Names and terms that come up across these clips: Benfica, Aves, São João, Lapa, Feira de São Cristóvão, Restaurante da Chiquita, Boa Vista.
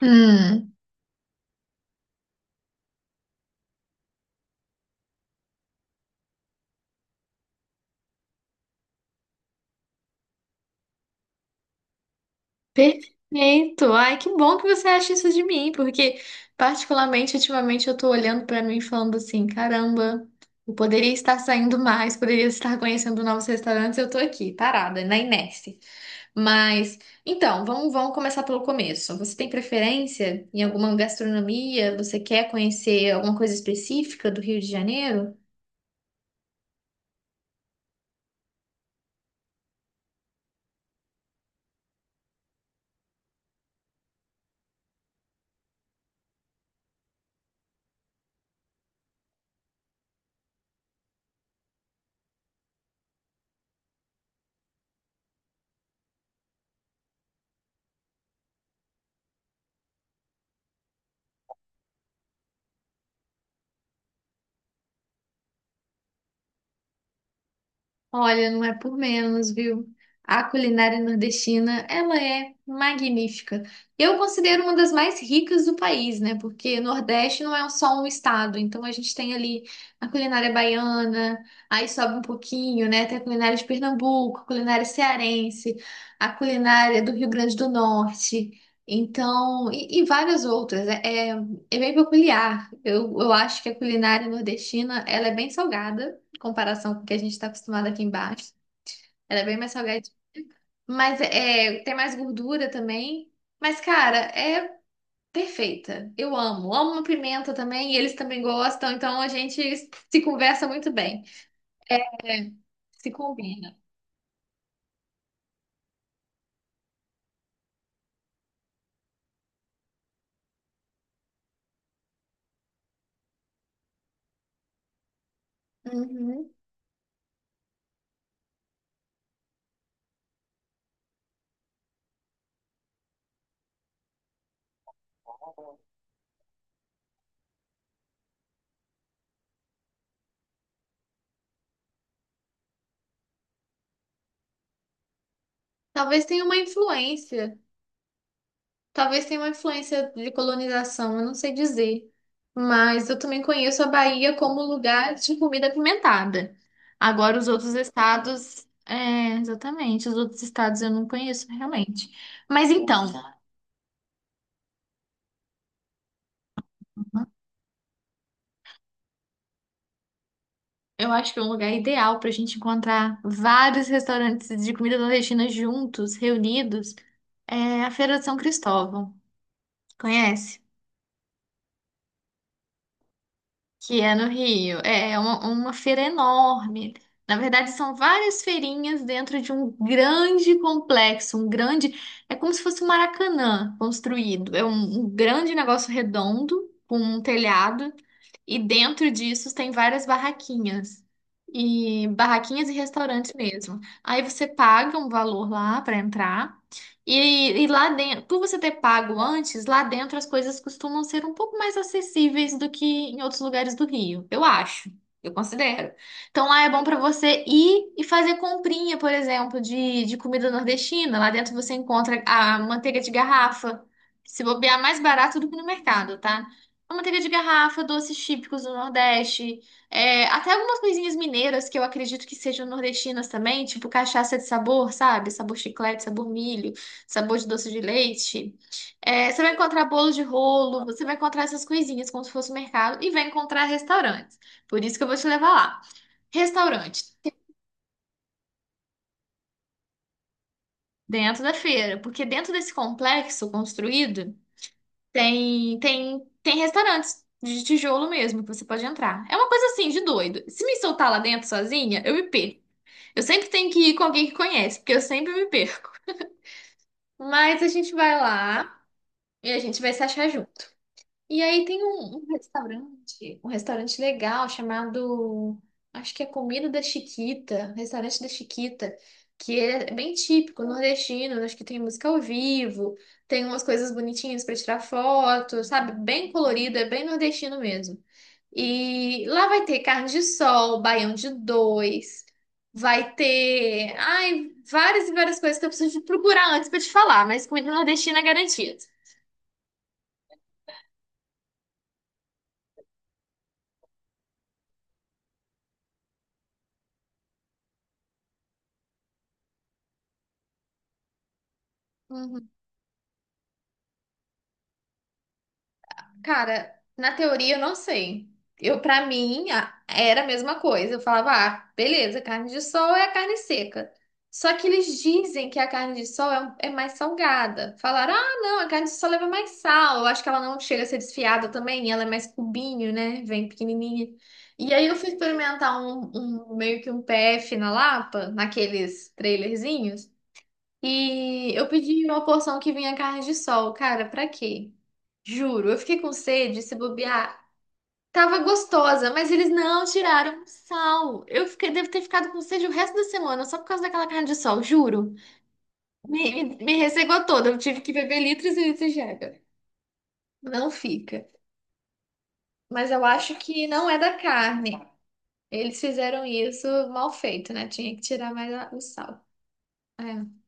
Hum, perfeito. Ai, que bom que você acha isso de mim, porque particularmente ultimamente eu tô olhando pra mim e falando assim, caramba, eu poderia estar saindo mais, poderia estar conhecendo novos restaurantes, eu tô aqui, parada, na inércia. Mas, então, vamos começar pelo começo. Você tem preferência em alguma gastronomia? Você quer conhecer alguma coisa específica do Rio de Janeiro? Olha, não é por menos, viu? A culinária nordestina, ela é magnífica. Eu considero uma das mais ricas do país, né? Porque Nordeste não é só um estado, então a gente tem ali a culinária baiana, aí sobe um pouquinho, né? Tem a culinária de Pernambuco, a culinária cearense, a culinária do Rio Grande do Norte, então, e várias outras. É, é bem peculiar. Eu acho que a culinária nordestina, ela é bem salgada em comparação com o que a gente está acostumado aqui embaixo. Ela é bem mais salgada. Mas é, tem mais gordura também. Mas, cara, é perfeita. Eu amo. Amo uma pimenta também, e eles também gostam, então a gente se conversa muito bem. É, se combina. Uhum. Talvez tenha uma influência. Talvez tenha uma influência de colonização, eu não sei dizer. Mas eu também conheço a Bahia como lugar de comida apimentada. Agora, os outros estados. É, exatamente. Os outros estados eu não conheço realmente. Mas então, eu acho que é um lugar ideal para a gente encontrar vários restaurantes de comida nordestina juntos, reunidos. É a Feira de São Cristóvão. Conhece? Que é no Rio. É uma feira enorme. Na verdade, são várias feirinhas dentro de um grande complexo, um grande. É como se fosse um Maracanã construído. É um, um grande negócio redondo, com um telhado, e dentro disso tem várias barraquinhas. E barraquinhas e restaurantes mesmo. Aí você paga um valor lá para entrar. E lá dentro, por você ter pago antes, lá dentro as coisas costumam ser um pouco mais acessíveis do que em outros lugares do Rio. Eu acho. Eu considero. Então lá é bom para você ir e fazer comprinha, por exemplo, de comida nordestina. Lá dentro você encontra a manteiga de garrafa. Se bobear mais barato do que no mercado, tá? A manteiga de garrafa, doces típicos do Nordeste, é, até algumas coisinhas mineiras que eu acredito que sejam nordestinas também, tipo cachaça de sabor, sabe? Sabor chiclete, sabor milho, sabor de doce de leite. É, você vai encontrar bolo de rolo, você vai encontrar essas coisinhas como se fosse um mercado e vai encontrar restaurantes. Por isso que eu vou te levar lá. Restaurante, dentro da feira, porque dentro desse complexo construído. Tem restaurantes de tijolo mesmo que você pode entrar. É uma coisa assim de doido. Se me soltar lá dentro sozinha, eu me perco. Eu sempre tenho que ir com alguém que conhece, porque eu sempre me perco. Mas a gente vai lá e a gente vai se achar junto. E aí tem um, um restaurante legal chamado, acho que é Comida da Chiquita, Restaurante da Chiquita, que é bem típico nordestino, acho que tem música ao vivo, tem umas coisas bonitinhas para tirar foto, sabe? Bem colorido, é bem nordestino mesmo. E lá vai ter carne de sol, baião de dois, vai ter, ai, várias e várias coisas que eu preciso procurar antes para te falar, mas comida nordestina é garantida. Cara, na teoria eu não sei. Eu, para mim, era a mesma coisa. Eu falava, ah, beleza, carne de sol é a carne seca. Só que eles dizem que a carne de sol é, é mais salgada. Falaram, ah, não, a carne de sol leva mais sal. Eu acho que ela não chega a ser desfiada também. Ela é mais cubinho, né? Vem pequenininha. E aí eu fui experimentar um, meio que um PF na Lapa, naqueles trailerzinhos. E eu pedi uma porção que vinha carne de sol. Cara, pra quê? Juro, eu fiquei com sede, se bobear. Tava gostosa, mas eles não tiraram sal. Eu fiquei, devo ter ficado com sede o resto da semana, só por causa daquela carne de sol, juro. Me ressecou toda, eu tive que beber litros e litros de água. Não fica. Mas eu acho que não é da carne. Eles fizeram isso mal feito, né? Tinha que tirar mais o sal. É.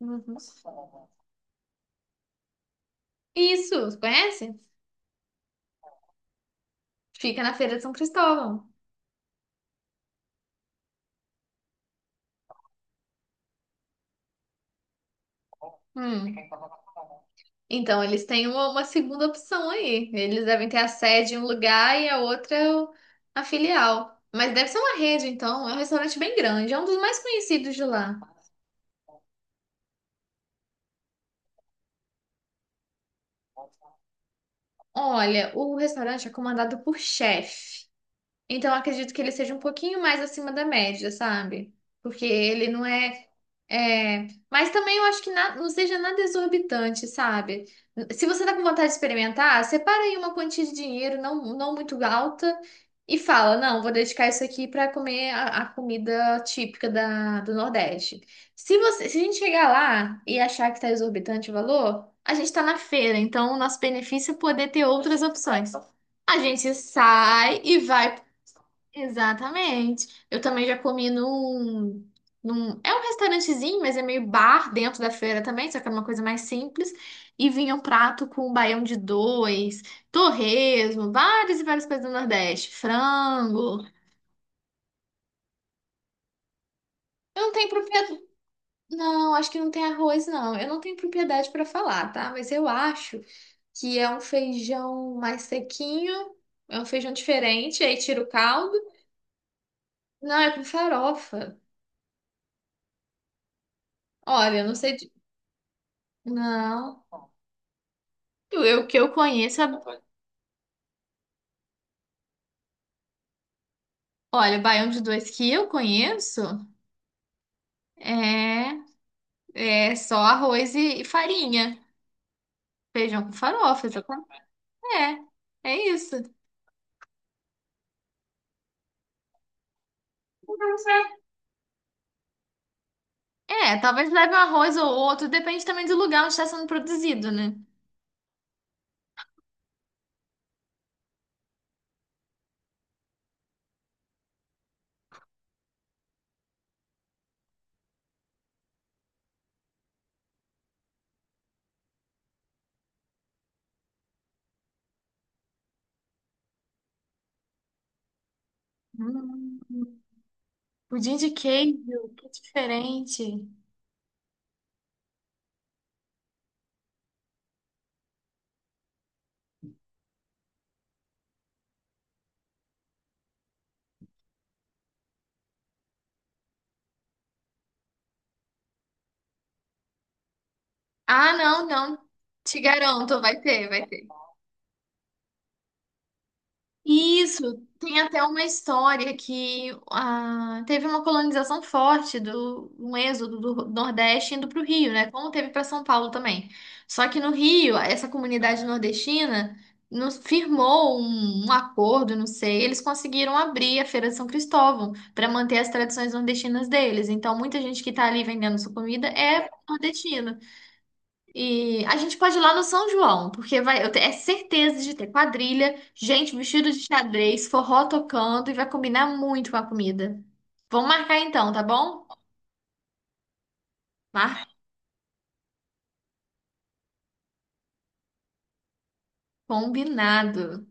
Uhum. Isso, conhece? Fica na Feira de São Cristóvão. Hum. Então, eles têm uma segunda opção aí. Eles devem ter a sede em um lugar e a outra é a filial. Mas deve ser uma rede, então. É um restaurante bem grande. É um dos mais conhecidos de lá. Olha, o restaurante é comandado por chefe. Então, eu acredito que ele seja um pouquinho mais acima da média, sabe? Porque ele não é. É, mas também eu acho que não seja nada exorbitante, sabe? Se você tá com vontade de experimentar, separa aí uma quantia de dinheiro não, não muito alta e fala, não, vou dedicar isso aqui para comer a comida típica da, do Nordeste. Se você, se a gente chegar lá e achar que tá exorbitante o valor, a gente tá na feira, então o nosso benefício é poder ter outras opções. A gente sai e vai Exatamente. Eu também já comi num é um restaurantezinho, mas é meio bar dentro da feira também, só que é uma coisa mais simples. E vinha um prato com um baião de dois, torresmo, várias e várias coisas do Nordeste, frango. Eu não tenho propriedade. Não, acho que não tem arroz, não. Eu não tenho propriedade para falar, tá? Mas eu acho que é um feijão mais sequinho, é um feijão diferente, aí tira o caldo. Não, é com farofa. Olha, eu não sei. De. Não. Eu que eu conheço. É. Olha, o baião de dois que eu conheço é, é só arroz e farinha. Feijão com farofa, só com. É, é isso. É, talvez leve um arroz ou outro, depende também do lugar onde está sendo produzido, né? Hum, pudim de queijo, que diferente. Ah, não, não. Te garanto, vai ter, vai ter. Isso, tem até uma história que ah, teve uma colonização forte do um êxodo do Nordeste indo para o Rio, né? Como teve para São Paulo também. Só que no Rio, essa comunidade nordestina nos firmou um, um acordo, não sei, eles conseguiram abrir a Feira de São Cristóvão para manter as tradições nordestinas deles. Então, muita gente que está ali vendendo sua comida é nordestina. E a gente pode ir lá no São João, porque vai, eu tenho é certeza de ter quadrilha, gente vestida de xadrez, forró tocando e vai combinar muito com a comida. Vamos marcar então, tá bom? Mar combinado.